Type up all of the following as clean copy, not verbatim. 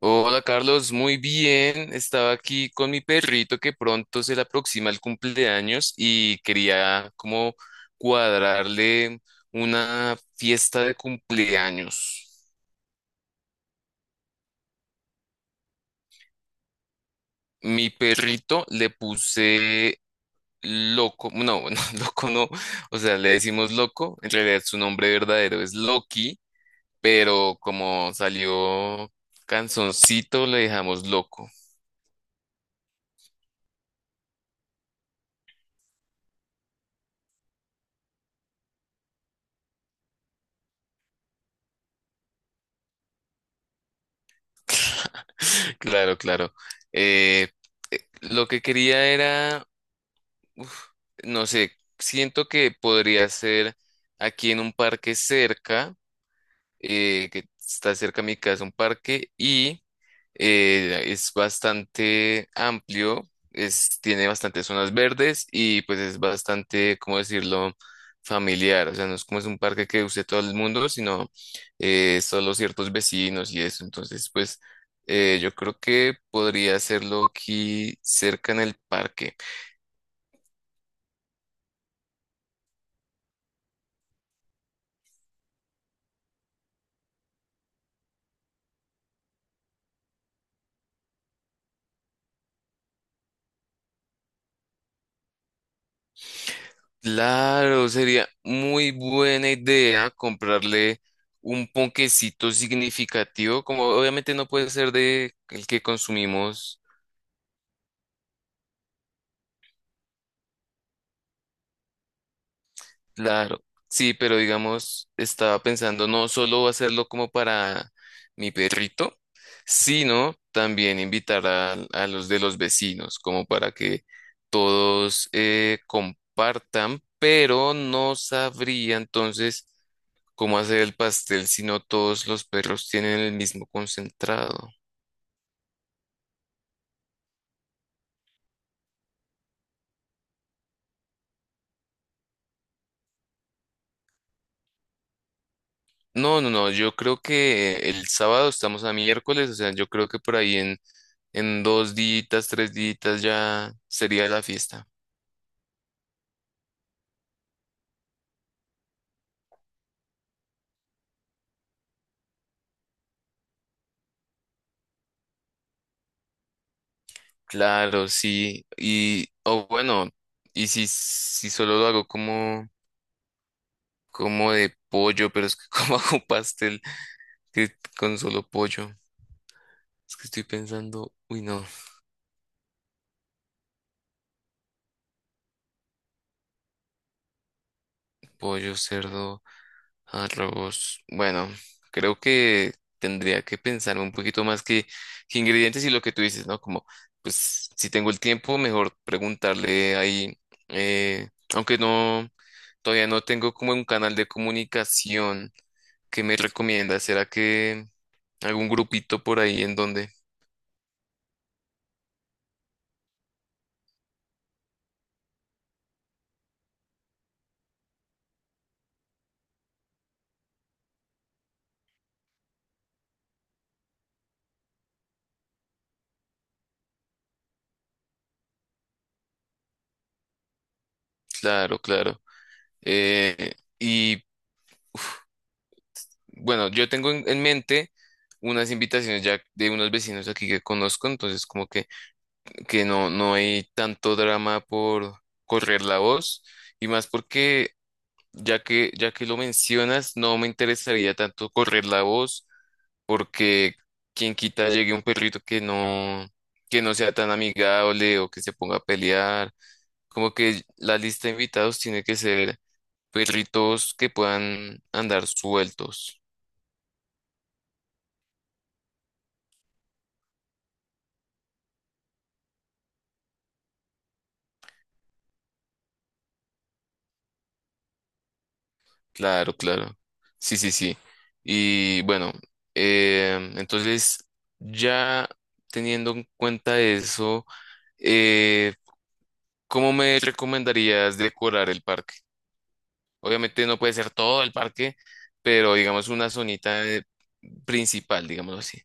Hola Carlos, muy bien. Estaba aquí con mi perrito que pronto se le aproxima el cumpleaños y quería como cuadrarle una fiesta de cumpleaños. Mi perrito le puse loco, no, no, loco no, o sea, le decimos loco, en realidad su nombre verdadero es Loki, pero como salió canzoncito le dejamos loco. Claro, claro. Eh, lo que quería era, no sé, siento que podría ser aquí en un parque cerca, que está cerca a mi casa, un parque, y es bastante amplio, es, tiene bastantes zonas verdes y pues es bastante, ¿cómo decirlo?, familiar. O sea, no es como es un parque que use todo el mundo, sino solo ciertos vecinos y eso. Entonces, pues yo creo que podría hacerlo aquí cerca en el parque. Claro, sería muy buena idea comprarle un ponquecito significativo, como obviamente no puede ser de el que consumimos. Claro, sí, pero digamos, estaba pensando no solo hacerlo como para mi perrito, sino también invitar a los de los vecinos, como para que todos compartan, pero no sabría entonces cómo hacer el pastel si no todos los perros tienen el mismo concentrado. No, no, no, yo creo que el sábado, estamos a miércoles, o sea, yo creo que por ahí en dos días, tres días ya sería la fiesta. Claro, sí. Y, o bueno, y si solo lo hago como, como de pollo, pero es que como hago pastel que con solo pollo. Es que estoy pensando, uy no, pollo, cerdo, arroz. Bueno, creo que tendría que pensar un poquito más que ingredientes y lo que tú dices, ¿no? Como, pues, si tengo el tiempo, mejor preguntarle ahí, aunque no. Todavía no tengo como un canal de comunicación. ¿Qué me recomiendas? ¿Será que algún grupito por ahí en donde? Claro, claro. Y bueno, yo tengo en mente unas invitaciones ya de unos vecinos aquí que conozco, entonces como que no, no hay tanto drama por correr la voz y más porque ya que lo mencionas, no me interesaría tanto correr la voz porque quien quita llegue un perrito que no sea tan amigable o que se ponga a pelear. Como que la lista de invitados tiene que ser perritos que puedan andar sueltos. Claro, claro. Sí, sí, sí. Y bueno, entonces ya teniendo en cuenta eso, eh, ¿cómo me recomendarías decorar el parque? Obviamente no puede ser todo el parque, pero digamos una zonita principal, digámoslo así.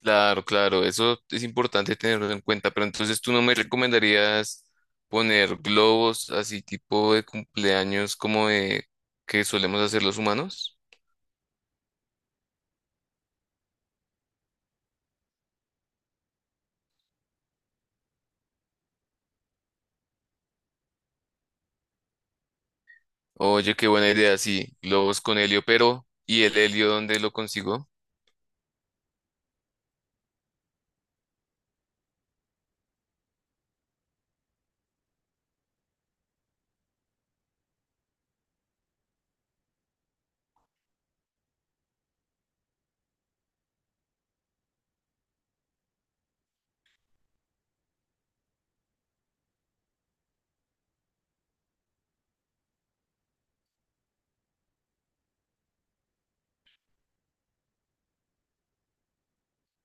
Claro, claro, eso es importante tenerlo en cuenta, pero entonces, ¿tú no me recomendarías poner globos así tipo de cumpleaños como de que solemos hacer los humanos? Oye, qué buena idea, sí, globos con helio, pero ¿y el helio dónde lo consigo?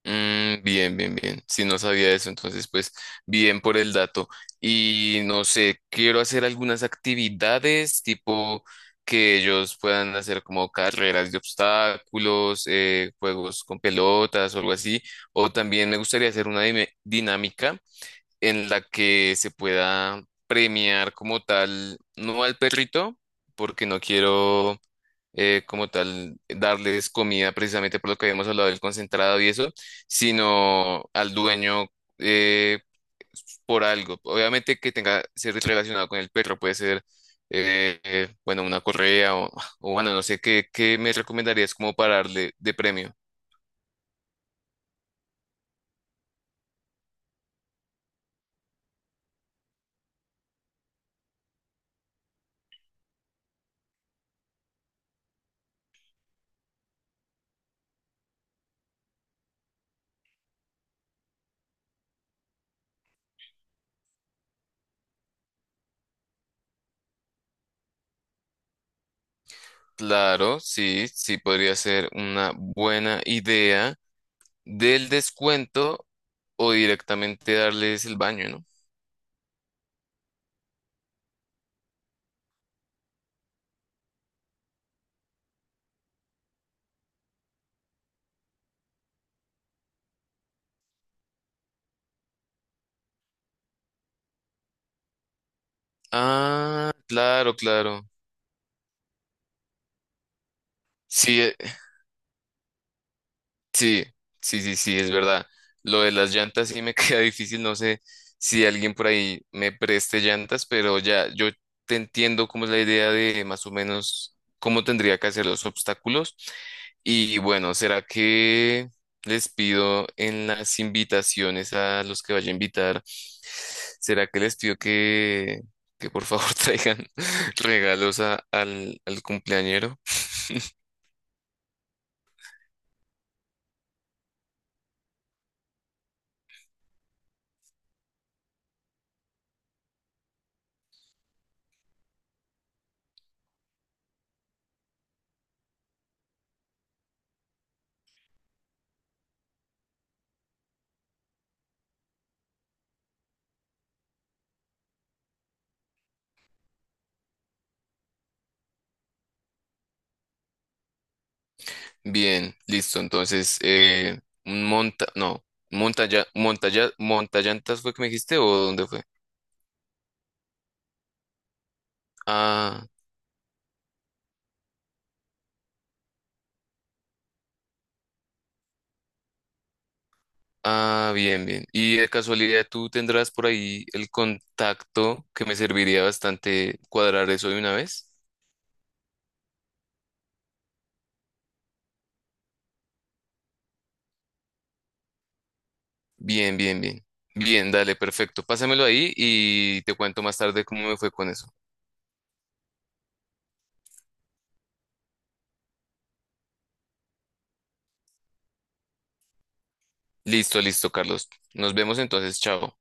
Mm, bien, bien, bien. Si no sabía eso, entonces pues bien por el dato. Y no sé, quiero hacer algunas actividades tipo que ellos puedan hacer, como carreras de obstáculos, juegos con pelotas o algo así. O también me gustaría hacer una dinámica en la que se pueda premiar como tal, no al perrito, porque no quiero como tal darles comida, precisamente por lo que habíamos hablado del concentrado y eso, sino al dueño eh, por algo. Obviamente que tenga ser relacionado con el perro, puede ser, bueno, una correa o bueno, no sé, ¿qué, qué me recomendarías como para darle de premio? Claro, sí, sí podría ser una buena idea del descuento o directamente darles el baño, ¿no? Ah, claro, claro. Sí, sí, sí, sí, sí, es verdad. Lo de las llantas sí me queda difícil, no sé si alguien por ahí me preste llantas, pero ya yo te entiendo cómo es la idea de más o menos cómo tendría que hacer los obstáculos. Y bueno, ¿será que les pido en las invitaciones a los que vaya a invitar? ¿Será que les pido que por favor traigan regalos al cumpleañero? Bien, listo. Entonces, un monta, no, montallantas fue que me dijiste, o ¿dónde fue? Ah, ah, bien, bien. Y de casualidad, ¿tú tendrás por ahí el contacto? Que me serviría bastante cuadrar eso de una vez. Bien, bien, bien. Bien, dale, perfecto. Pásamelo ahí y te cuento más tarde cómo me fue con eso. Listo, listo, Carlos. Nos vemos entonces, chao.